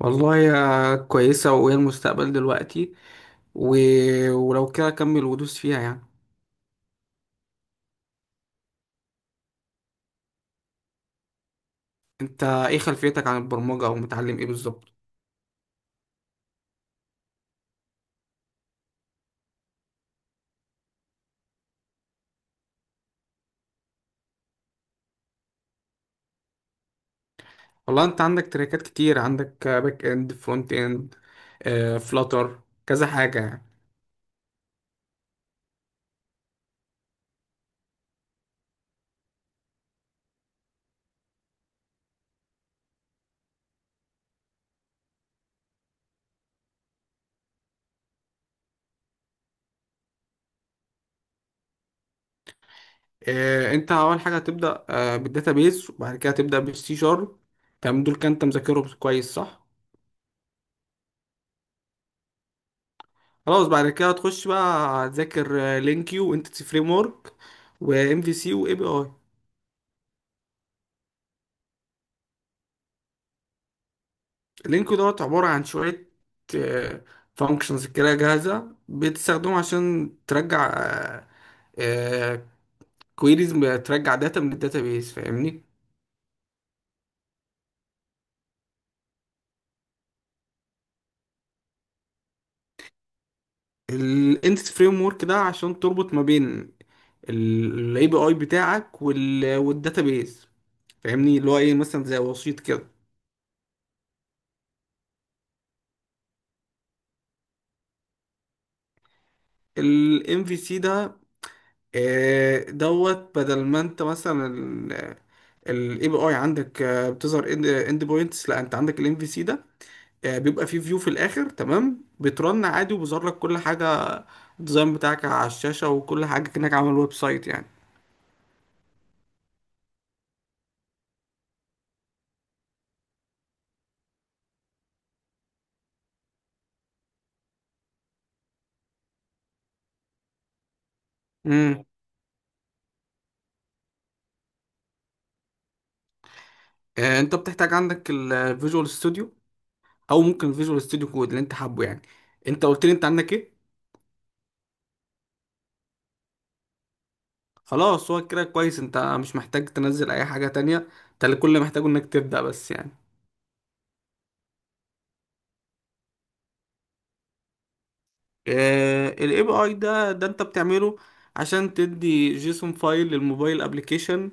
والله يا كويسة وهي المستقبل دلوقتي. و... ولو كده كمل ودوس فيها يعني. انت ايه خلفيتك عن البرمجة او متعلم ايه بالظبط؟ والله انت عندك تراكات كتير، عندك باك اند، فرونت اند، فلاتر، كذا حاجة يعني. انت اول حاجة هتبدأ بالداتابيس وبعد كده هتبدأ بالسي شارب. تمام، دول كان انت مذاكرهم كويس صح؟ خلاص بعد كده هتخش بقى، هتذاكر لينكيو وانتيتي فريم ورك وام في سي واي بي اي. لينكو دوت عبارة عن شوية فانكشنز كده جاهزة بتستخدمه عشان ترجع كويريز، ترجع داتا من الداتابيس، فاهمني؟ الانتس فريم ورك ده عشان تربط ما بين الاي بي اي بتاعك والداتابيس، فاهمني؟ اللي هو ايه، مثلا زي وسيط كده. الام في سي ده دوت، بدل ما انت مثلا الاي بي اي عندك بتظهر اند بوينتس، لا انت عندك الام في سي ده بيبقى فيه فيو في الاخر. تمام، بترن عادي وبيظهر لك كل حاجه، الديزاين بتاعك على الشاشه وكل حاجه كانك عامل ويب سايت يعني. امم انت بتحتاج عندك الفيجوال ستوديو، او ممكن الفيجوال ستوديو كود، اللي انت حابه يعني. انت قلت لي انت عندك ايه؟ خلاص، هو كده كويس، انت مش محتاج تنزل اي حاجه تانية، انت اللي كل اللي محتاجه انك تبدا بس يعني. الاي بي اي ده انت بتعمله عشان تدي جيسون فايل للموبايل ابلكيشن،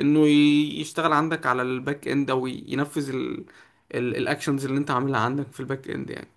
انه يشتغل عندك على الباك اند او ينفذ الاكشنز اللي انت عاملها عندك في الباك اند يعني.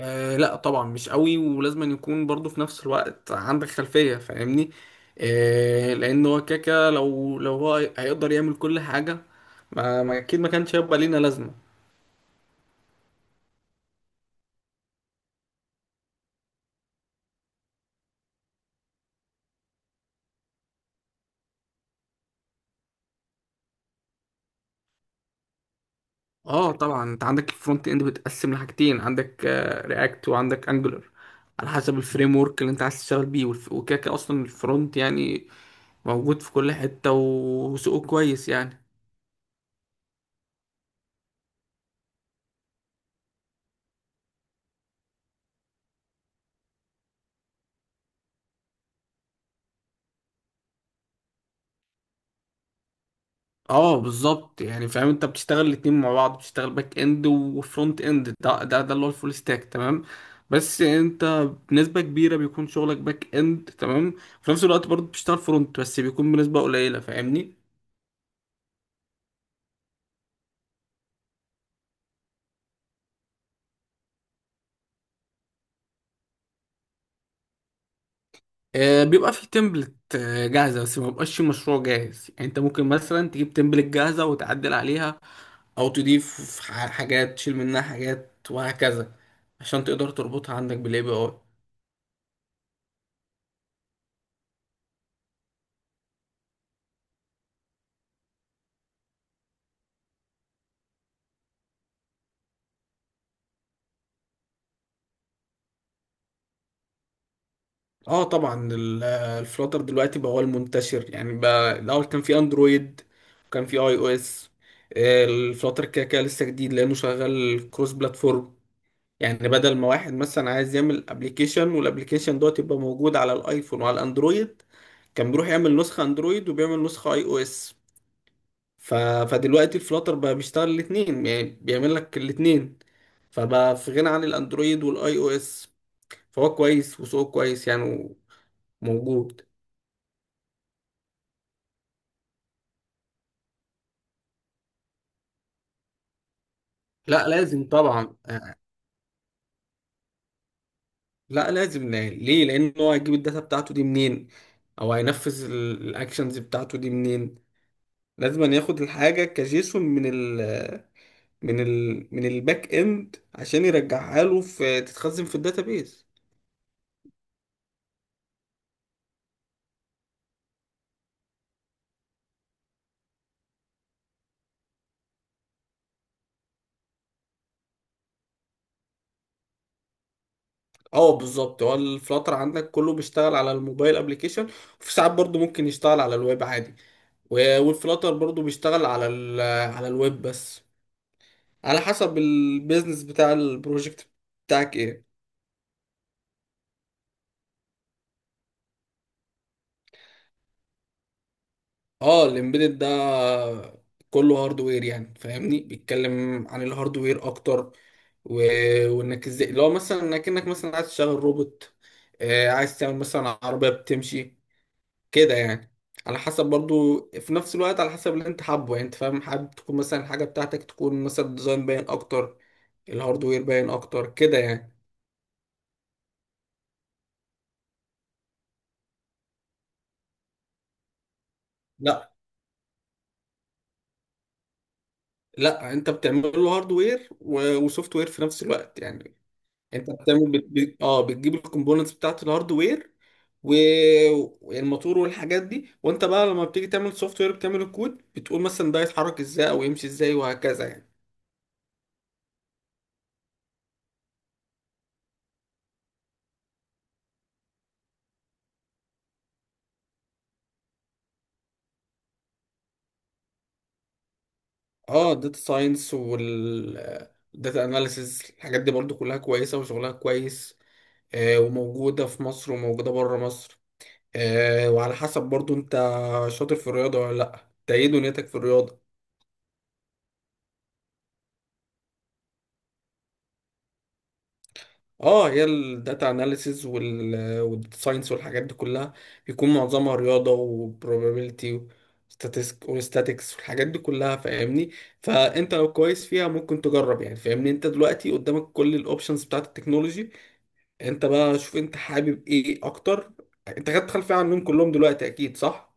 آه لا طبعا، مش قوي، ولازم أن يكون برضو في نفس الوقت عندك خلفية، فاهمني؟ آه، لان هو كاكا لو هو هيقدر يعمل كل حاجة. اكيد ما كانش هيبقى لينا لازمة. اه طبعا، انت عندك الفرونت اند بتقسم لحاجتين، عندك رياكت وعندك انجولار، على حسب الفريم ورك اللي انت عايز تشتغل بيه. وكده كده اصلا الفرونت يعني موجود في كل حتة وسوقه كويس يعني. اه بالظبط يعني، فاهم؟ انت بتشتغل الاتنين مع بعض، بتشتغل باك اند وفرونت اند، ده اللي هو الفول ستاك، تمام؟ بس انت بنسبة كبيرة بيكون شغلك باك اند، تمام؟ في نفس الوقت برضه بتشتغل فرونت بس بيكون بنسبة قليلة، فاهمني؟ بيبقى في تمبلت جاهزة بس ما بيبقاش في مشروع جاهز يعني. انت ممكن مثلا تجيب تمبلت جاهزة وتعدل عليها، او تضيف حاجات، تشيل منها حاجات وهكذا، عشان تقدر تربطها عندك بالاي بي اي. اه طبعا، الفلاتر دلوقتي بقى هو المنتشر يعني. بقى الاول كان في اندرويد وكان في اي او اس. الفلاتر كده كده لسه جديد لانه شغال كروس بلاتفورم، يعني بدل ما واحد مثلا عايز يعمل ابلكيشن والابلكيشن دوت يبقى موجود على الايفون وعلى الاندرويد كان بيروح يعمل نسخة اندرويد وبيعمل نسخة اي او اس. ف... فدلوقتي الفلاتر بقى بيشتغل الاثنين، يعني بيعمل لك الاثنين، فبقى في غنى عن الاندرويد والاي او اس، فهو كويس وسوقه كويس يعني، موجود. لا لازم طبعا، لا لازم. ليه؟ لان هو هيجيب الداتا بتاعته دي منين؟ او هينفذ الاكشنز بتاعته دي منين؟ لازم أن ياخد الحاجة كجيسون من من الباك اند عشان يرجعها له، في تتخزن في الداتابيز. اه بالظبط، هو الفلاتر عندك كله بيشتغل على الموبايل ابلكيشن، وفي ساعات برضو ممكن يشتغل على الويب عادي. والفلاتر برضو بيشتغل على على الويب بس، على حسب البيزنس بتاع البروجكت بتاعك ايه. اه، الامبيدد ده كله هاردوير يعني، فاهمني؟ بيتكلم عن الهاردوير اكتر. و... وانك ازاي لو مثلا انك مثلا عايز تشغل روبوت، عايز تعمل مثلا عربية بتمشي كده يعني. على حسب برضو في نفس الوقت، على حسب اللي انت حابه يعني. انت فاهم، حابب تكون مثلا الحاجة بتاعتك تكون مثلا ديزاين باين اكتر، الهاردوير باين اكتر كده يعني. لا لا، انت بتعمل له هاردوير وسوفت وير في نفس الوقت يعني. انت بتعمل اه، بتجيب الكومبوننتس بتاعت الهاردوير والموتور والحاجات دي، وانت بقى لما بتيجي تعمل سوفت وير بتعمل الكود، بتقول مثلا ده يتحرك ازاي او يمشي ازاي وهكذا يعني. اه، داتا ساينس وال داتا اناليسز، الحاجات دي برضو كلها كويسة وشغلها كويس، وموجودة في مصر وموجودة بره مصر، وعلى حسب برضو انت شاطر في الرياضة ولا لا. انت ايه دنيتك في الرياضة؟ اه، هي الداتا اناليسيز والساينس والحاجات دي كلها بيكون معظمها رياضه وبروبابيلتي وستاتيكس والحاجات دي كلها، فاهمني؟ فانت لو كويس فيها ممكن تجرب يعني، فاهمني؟ انت دلوقتي قدامك كل الاوبشنز بتاعت التكنولوجي، انت بقى شوف انت حابب ايه اكتر. انت خدت خلفيه عنهم كلهم دلوقتي اكيد صح؟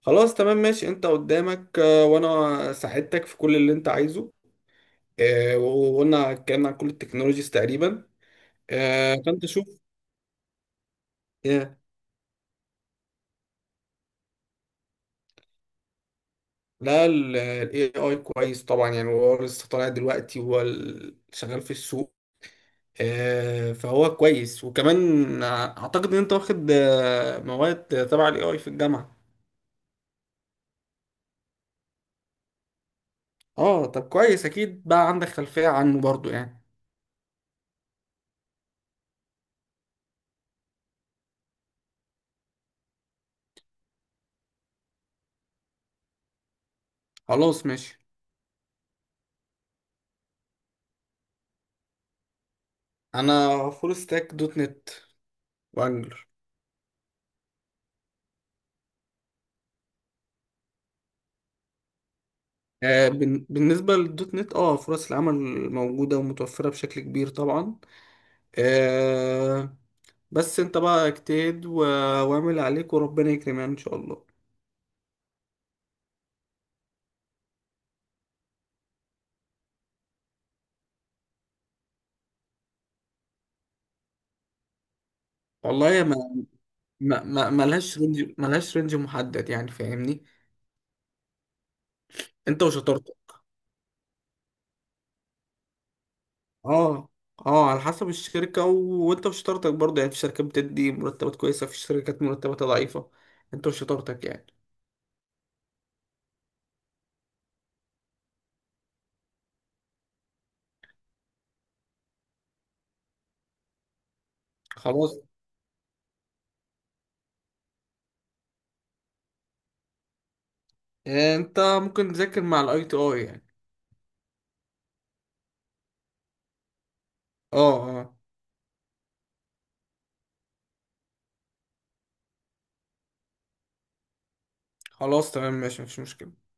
خلاص تمام ماشي، انت قدامك، وانا ساعدتك في كل اللي انت عايزه، وقلنا اتكلمنا عن كل التكنولوجيز تقريبا، فانت شوف. آه، لا، ال AI كويس طبعا يعني، هو لسه طالع دلوقتي وهو شغال في السوق، فهو كويس. وكمان اعتقد ان انت واخد مواد تبع ال AI في الجامعة. اه طب كويس، اكيد بقى عندك خلفية عنه برضو يعني. خلاص ماشي. انا فول ستاك دوت نت وانجلر. بالنسبة للدوت نت، اه، فرص العمل موجودة ومتوفرة بشكل كبير طبعا. آه، بس انت بقى اجتهد واعمل عليك وربنا يكرمك يعني ان شاء الله. والله يا ما، ملهاش رينج، ملهاش رينج محدد يعني، فاهمني؟ انت وشطارتك. اه، اه، على حسب الشركة، وانت وشطارتك برضه يعني. في شركات بتدي مرتبات كويسة، في شركات مرتباتها ضعيفة، انت وشطارتك يعني. خلاص، انت ممكن تذاكر مع الاي تي اي يعني. اه، اه، خلاص تمام ماشي، مفيش مشكلة.